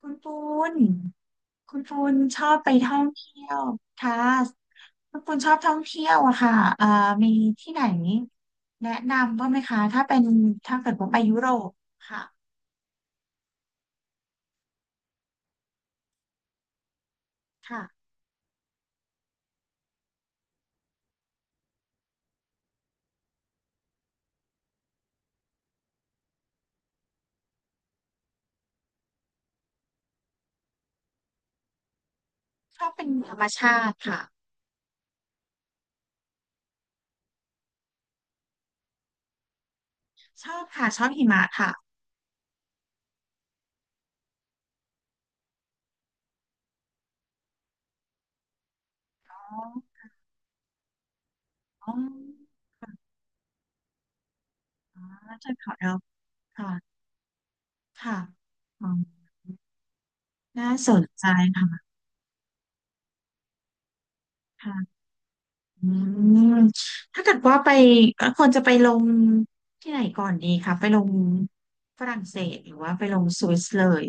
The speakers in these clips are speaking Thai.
คุณปูนคุณปูนชอบไปท่องเที่ยวค่ะคุณปูนชอบท่องเที่ยวอะค่ะมีที่ไหนแนะนำบ้างไหมคะถ้าเป็นถ้าเกิดว่าไปยุโรปค่ะค่ะชอบเป็นธรรมชาติค่ะชอบค่ะชอบหิมะค่ะอ๋ออ๋ออ๋อเทือเขาแอลป์ค่ะค่ะอ๋อน่าสนใจค่ะ อืมถ้าเกิดว่าไปควรจะไปลงที่ไหนก่อนดีคะไปลงฝรั่งเศสหรือว่าไปลงสวิสเลย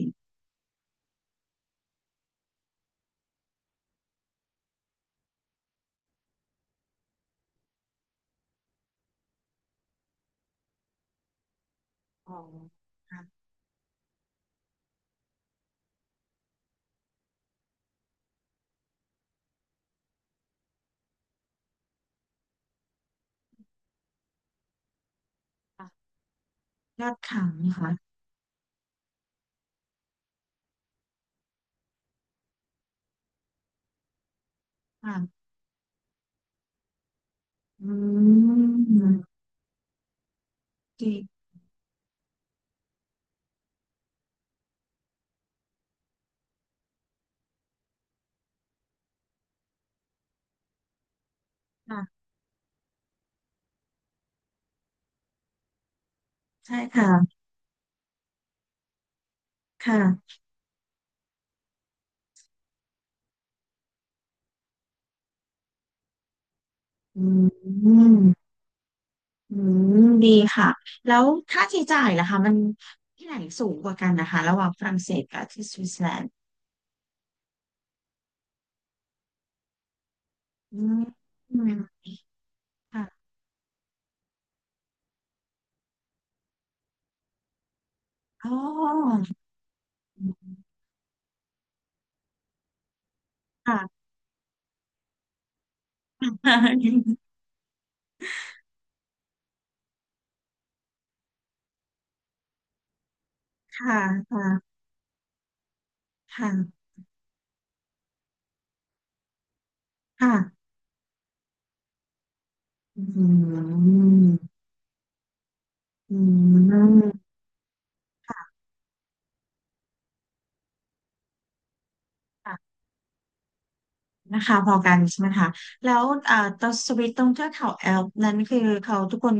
อ๋อครับค่ะยอดขังนะคะค่ะอืมดีค่ะใช่ค่ะค่ะอืมอืมดีค่ะแล้วค่าใช้จ่ายล่ะคะมันที่ไหนสูงกว่ากันนะคะระหว่างฝรั่งเศสกับที่สวิตเซอร์แลนด์อืมอืมค่ะอ๋อค่ะ ค่ะค่ะค่ะค่ะอืมอืมค่ะค่ะนะคะพอกันใช่ไหมคะแล้วตอนสวิตตรงเทือกเขาแอลป์นั้นคือเขาทุกคน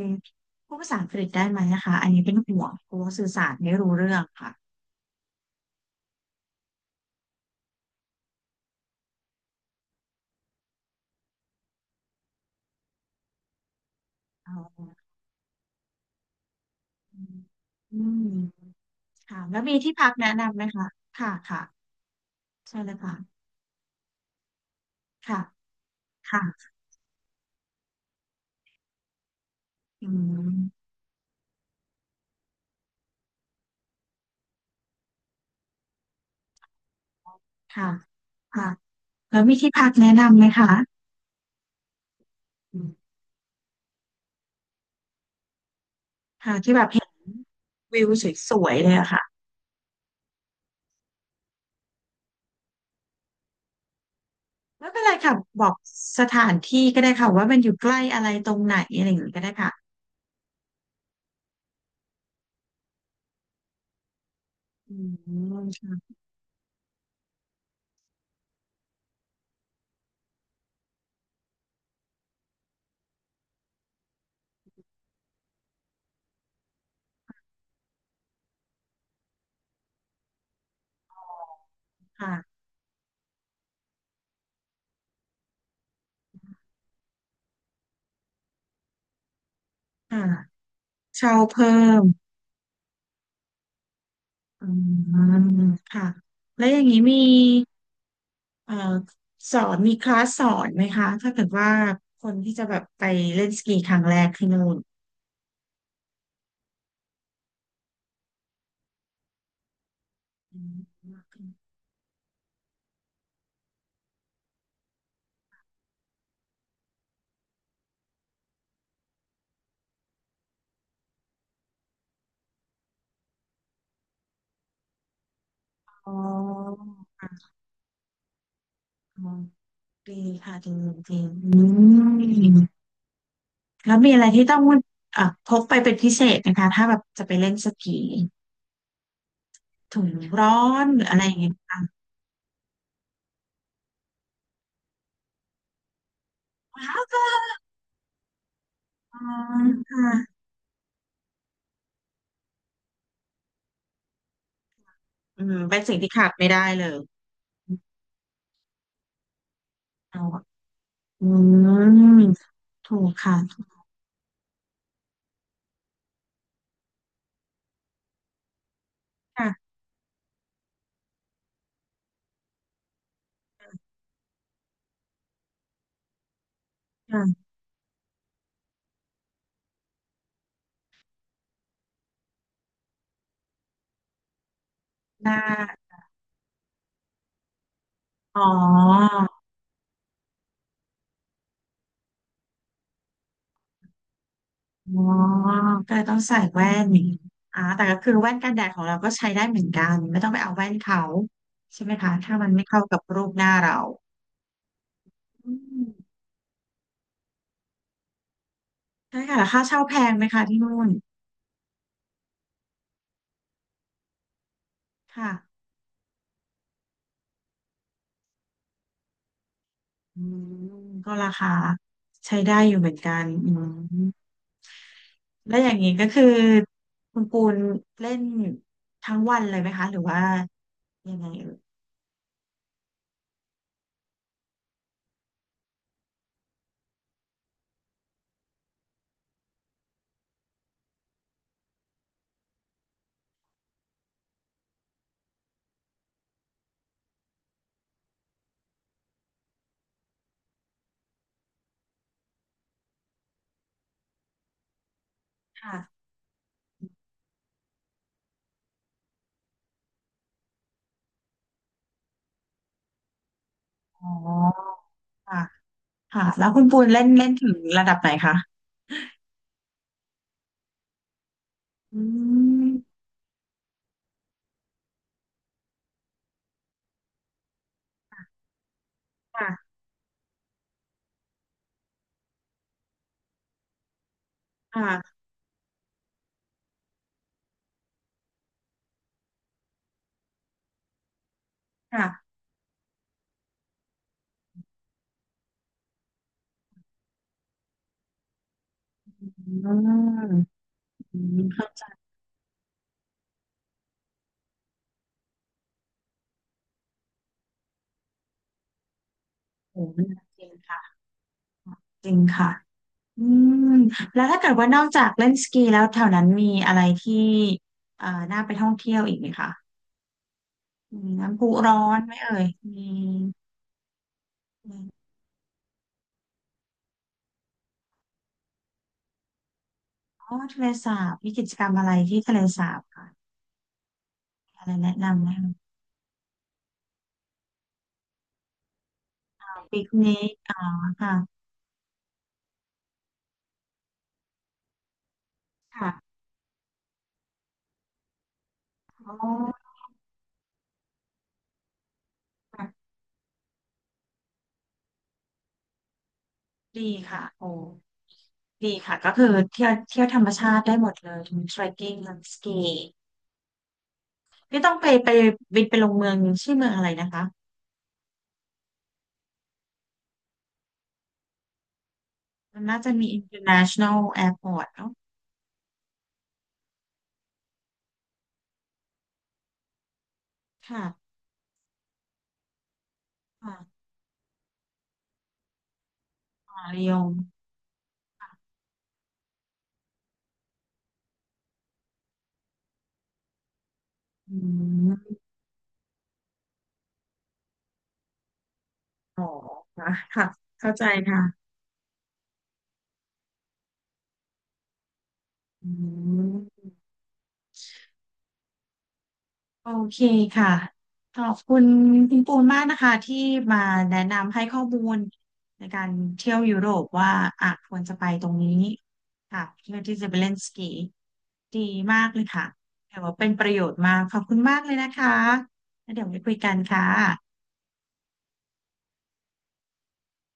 พูดภาษาอังกฤษได้ไหมนะคะอันนี้เป็นห่วงกลัวสื่อสารไม่รู้เรื่องค่ะอ๋ออืมอืมค่ะแล้วมีที่พักแนะนำไหมคะค่ะค่ะใช่เลยค่ะค่ะค่ะอืมค่ะค่ะแล้วมีที่พักแนะนำไหมคะ ค่ะที่แบบเห็นวิวสวยๆเลยอะค่ะไม่เป็นไรค่ะบอกสถานที่ก็ได้ค่ะว่ามันอยู่ใกล้อะไรตรงไหนอะไรอย่างนี้ก็ได้ค่ะอืมค่ะค่ะค่ะเช่าเพิ่มอืมค่ะแล้วอย่างนี้มีเอ่อสอนมีคลาสสอนไหมคะถ้าเกิดว่าคนที่จะแบบไปเล่นสกีครั้งแรกที่นู่นอืมอ๋ออ๋อดีค่ะดีดีอืม แล้วมีอะไรที่ต้องพกไปเป็นพิเศษไหมคะถ้าแบบจะไปเล่นสกีถุงร้อนหรืออะไรอย่างเงี้ยว้าวอืมค่ะอืมเป็นสิ่งที่ขาดไม่ได้เลยเอาอะอืมถูกค่ะค่ะค่ะหน้าอ๋ออ๋อก็เลยต้องใส่แว่นอย่างงี้อ่าแต่ก็คือแว่นกันแดดของเราก็ใช้ได้เหมือนกันไม่ต้องไปเอาแว่นเขาใช่ไหมคะถ้ามันไม่เข้ากับรูปหน้าเราอืมใช่ค่ะแล้วค่าเช่าแพงไหมคะที่นู่นค่ะ อืมก็ราคาใช้ได้อยู่เหมือนกันอืมแล้วอย่างนี้ก็คือคุณปูนเล่นทั้งวันเลยไหมคะหรือว่ายังไงเอ่ยค่ะอ๋อค่ะค่ะแล้วคุณปูนเล่นเล่นถึงระดับไหนคะอืมค่ะค่ะค่ะอืมอืมเข้าใจผมจริงค่ะจริงค่ะอืมแล้วถ้าเกิดว่านอกจากเล่นสกีแล้วแถวนั้นมีอะไรที่เอ่อน่าไปท่องเที่ยวอีกไหมคะ มีน้ำพุร้อนไหมเอ่ยมีมีอ๋อทะเลสาบมีกิจกรรมอะไรที่ทะเลสาบค่ะมีอะไรแนะนำไหมคะปิกนิกอ๋อค่ะค่ะอ๋อค่ะดีค่ะโอ้ดีค่ะก็คือเที่ยวเที่ยวธรรมชาติได้หมดเลยทั้งส r e ตกิ้งทั้งสกีพี่ต้องไปไปบินไปลงเมืองชื่อเมืองอะไรนะคะมันน่าจะมี international airport เนอะค่ะค่ะค่ะระยองอืมอ๋อค่ะค่ะเข้าใจค่ะอืม โอเคค่ะขอบคุณคุณปูนมากนะคะที่มาแนะนำให้ข้อมูลในการเที่ยวยุโรปว่าอ่ะควรจะไปตรงนี้ค่ะเพื่อที่จะไปเล่นสกีดีมากเลยค่ะแต่ว่าเป็นประโยชน์มากขอบคุณมากเลยนะคะแล้วเดี๋ยวไว้คุยกันค่ะ